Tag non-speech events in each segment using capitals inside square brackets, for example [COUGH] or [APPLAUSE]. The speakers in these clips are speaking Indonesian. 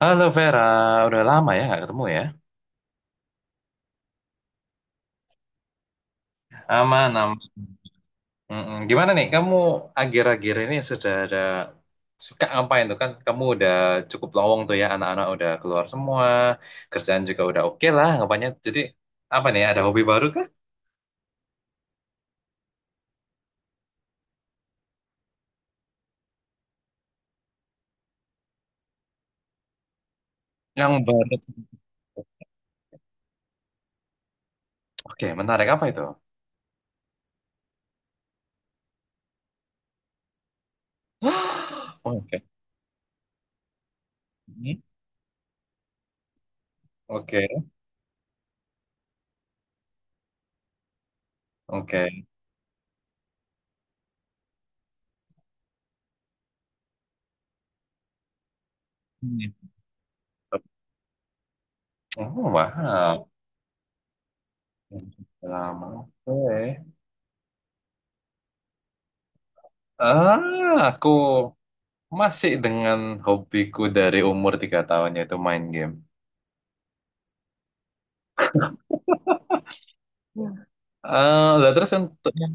Halo Vera, udah lama ya nggak ketemu ya? Aman, aman. Mm-mm. Gimana nih, kamu akhir-akhir ini sudah ada suka ngapain tuh kan? Kamu udah cukup lowong tuh ya, anak-anak udah keluar semua, kerjaan juga udah oke lah, ngapainnya. Jadi apa nih, ada hobi baru kah? Yang baru. Oke, menarik apa itu? [GASPS] Oke. Hmm. Oke, oke. Hmm. Oh, wow. Lama, oke. Ah, aku masih dengan hobiku dari umur 3 tahun yaitu main game. Ya. Eh, lah terus untuk yang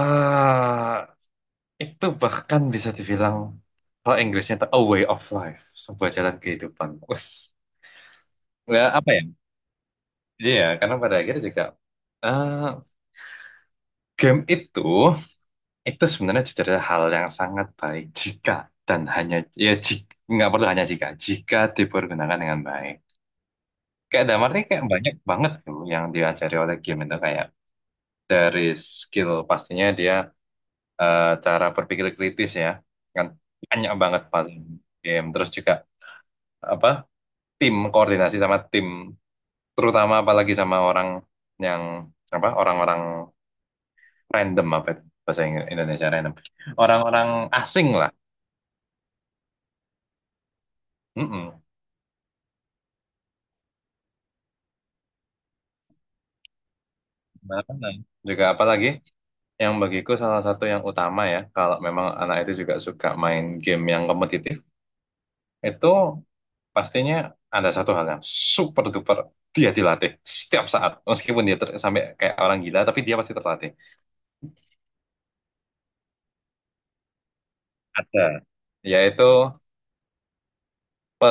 ah, itu bahkan bisa dibilang kalau Inggrisnya itu a way of life, sebuah jalan kehidupan. Us, ya apa ya? Iya, karena pada akhirnya juga eh, game itu sebenarnya jujur adalah hal yang sangat baik jika dan hanya ya jika nggak perlu hanya jika jika dipergunakan dengan baik. Kayak damarnya kayak banyak banget tuh yang diajari oleh game itu kayak dari skill pastinya dia cara berpikir kritis ya kan banyak banget pas game terus juga apa tim koordinasi sama tim terutama apalagi sama orang yang apa orang-orang random apa itu bahasa Indonesia random orang-orang asing lah. Mm-mm. Apa namanya? Juga apalagi yang bagiku salah satu yang utama ya kalau memang anak itu juga suka main game yang kompetitif itu pastinya ada satu hal yang super duper dia dilatih setiap saat. Meskipun dia sampai kayak orang gila, tapi dia pasti terlatih. Ada, yaitu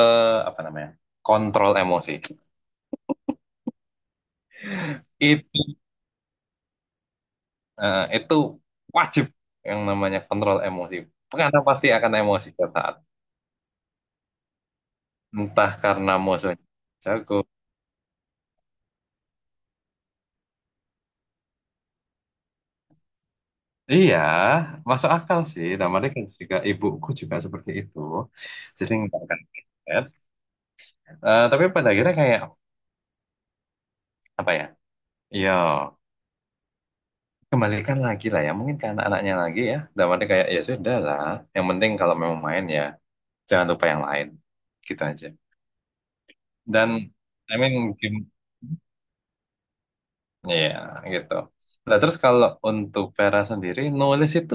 eh, apa namanya? Kontrol emosi. Itu itu wajib yang namanya kontrol emosi. Karena pasti akan emosi setiap saat. Entah karena musuhnya jago. Iya, masuk akal sih. Dan mereka juga ibuku juga seperti itu. Jadi nggak akan kaget. Eh, tapi pada akhirnya kayak apa ya? Iya. Kembalikan lagi lah ya, mungkin karena anaknya lagi ya. Dalamnya kayak, ya sudah lah. Yang penting kalau memang main ya, jangan lupa yang lain. Gitu aja. Dan, I mean, game, ya gitu. Nah, terus kalau untuk Vera sendiri, nulis itu,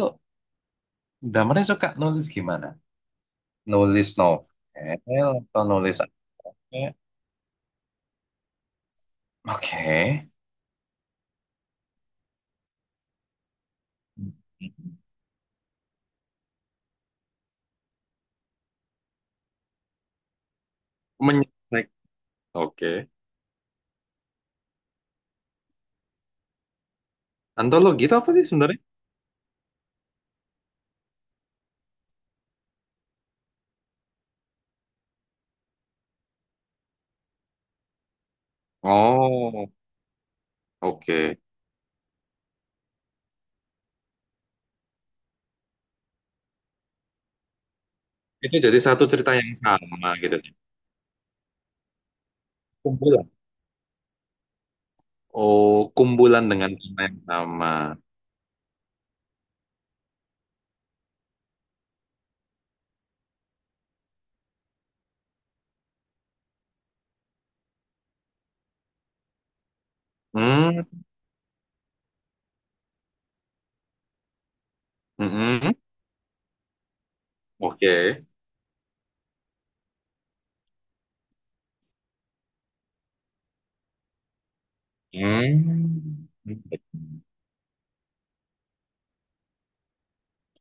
damarnya suka nulis gimana? Nulis novel atau nulis apa? Oke. Menyontek. Oke. Antologi itu apa sih sebenarnya? Oh, oke. Itu jadi satu cerita yang sama gitu. Kumpulan. Oh, kumpulan dengan tema yang sama. Hmm, mm-mm. Oke. Hmm.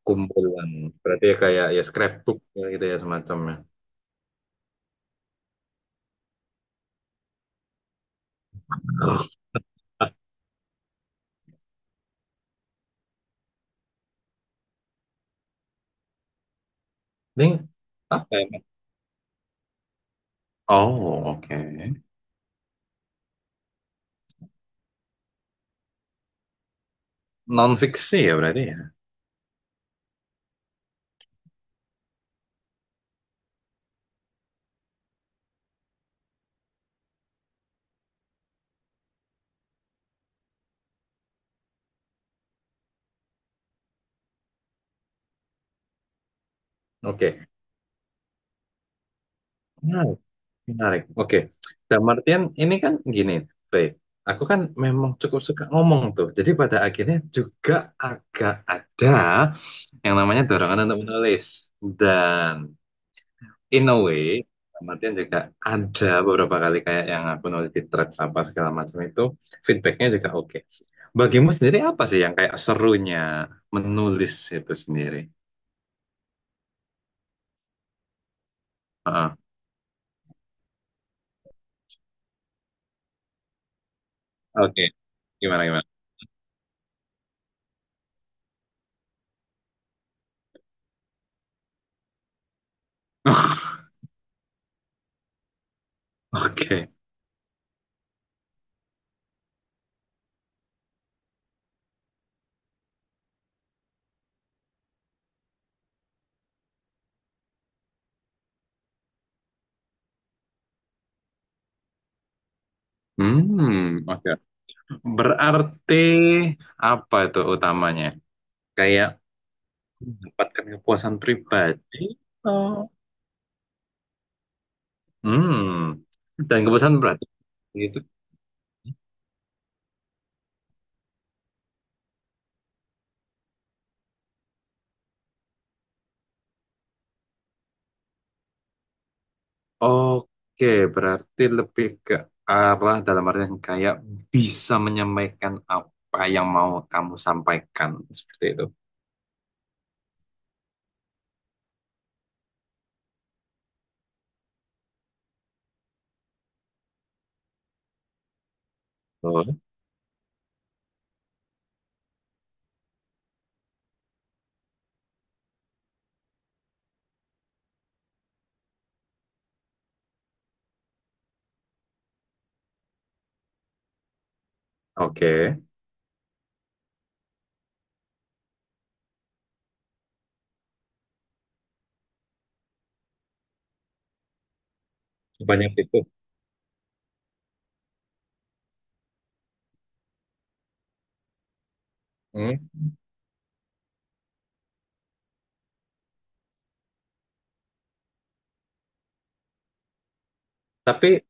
Kumpulan. Berarti ya kayak ya scrapbook ya gitu ya semacamnya. Oh, ini apa ya? Oh, oke. Non fiksi ya berarti ya. Oke. Nah, menarik. Oke. Dalam artian ini kan gini, Frey. Aku kan memang cukup suka ngomong tuh. Jadi pada akhirnya juga agak ada yang namanya dorongan untuk menulis. Dan in a way, dalam artian juga ada beberapa kali kayak yang aku nulis di threads apa segala macam itu, feedbacknya juga oke. Bagimu sendiri apa sih yang kayak serunya menulis itu sendiri? Heeh. Oke. Gimana, gimana? [LAUGHS] Oke. Hmm, oke, berarti apa itu utamanya? Kayak mendapatkan kepuasan pribadi. Oh. Hmm. Dan kepuasan berarti itu. Oke, berarti lebih ke arah dalam artian kayak bisa menyampaikan apa yang mau kamu sampaikan seperti itu. Oh, oke. Sebanyak itu. Hmm. Tapi.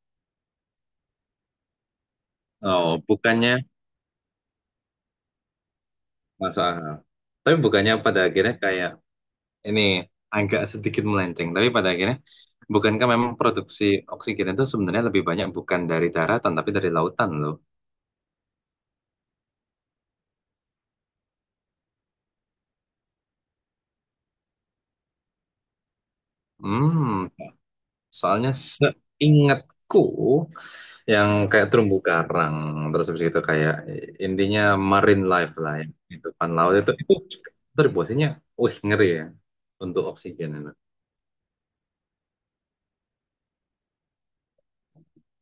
Oh, bukannya. Masuk akal. Tapi bukannya pada akhirnya kayak ini agak sedikit melenceng, tapi pada akhirnya bukankah memang produksi oksigen itu sebenarnya lebih banyak bukan dari daratan tapi dari lautan loh. Hmm, soalnya seingatku yang kayak terumbu karang terus habis itu kayak intinya marine life lah ya, kehidupan laut itu kontribusinya, wih ngeri ya untuk oksigen itu.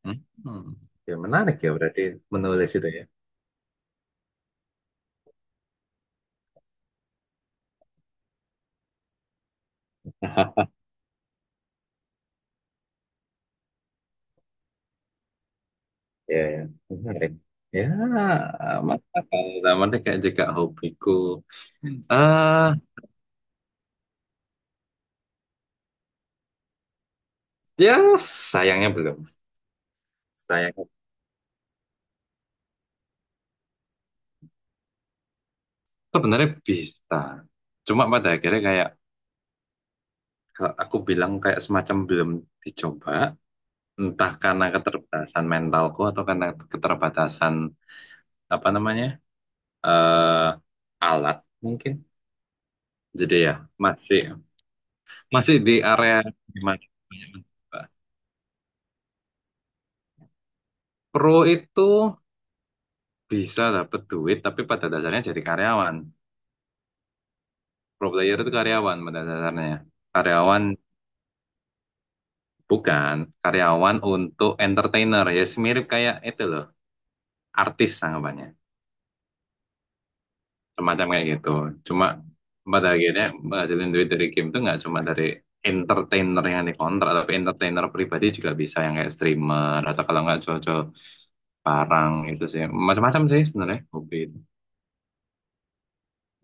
Hmm, ya menarik ya berarti menulis itu ya. Ya, ya. Menarik. Ya, mantap. Namanya kayak juga hobiku. Ah, ya sayangnya belum. Sayangnya sebenarnya bisa. Cuma pada akhirnya kayak kalau aku bilang kayak semacam belum dicoba, entah karena keterbatasan mentalku atau karena keterbatasan apa namanya? eh alat mungkin. Jadi ya, masih masih di area gimana? Pro itu bisa dapat duit tapi pada dasarnya jadi karyawan, pro player itu karyawan pada dasarnya, karyawan, bukan karyawan untuk entertainer ya, mirip kayak itu loh, artis anggapannya, semacam kayak gitu. Cuma pada akhirnya menghasilkan duit dari game itu nggak cuma dari entertainer yang dikontrak tapi entertainer pribadi juga bisa yang kayak streamer atau kalau nggak cocok jual barang itu sih, macam-macam sih sebenarnya hobi itu.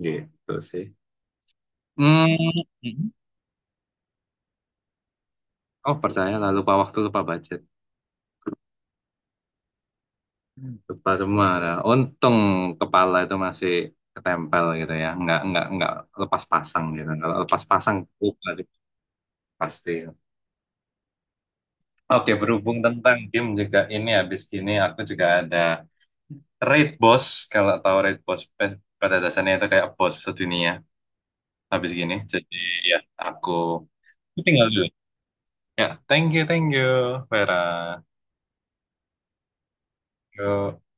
Gitu sih. Hmm. Hmm. Oh, percaya lah lupa waktu lupa budget. Hmm. Lupa semua. Nah, untung kepala itu masih ketempel gitu ya, nggak lepas pasang gitu. Kalau lepas pasang lupa deh, pasti. Oke, berhubung tentang game juga ini habis gini aku juga ada Raid Boss. Kalau tahu Raid Boss pada dasarnya itu kayak boss sedunia habis gini. Jadi ya aku tinggal dulu. Ya, thank you, Vera. Yo.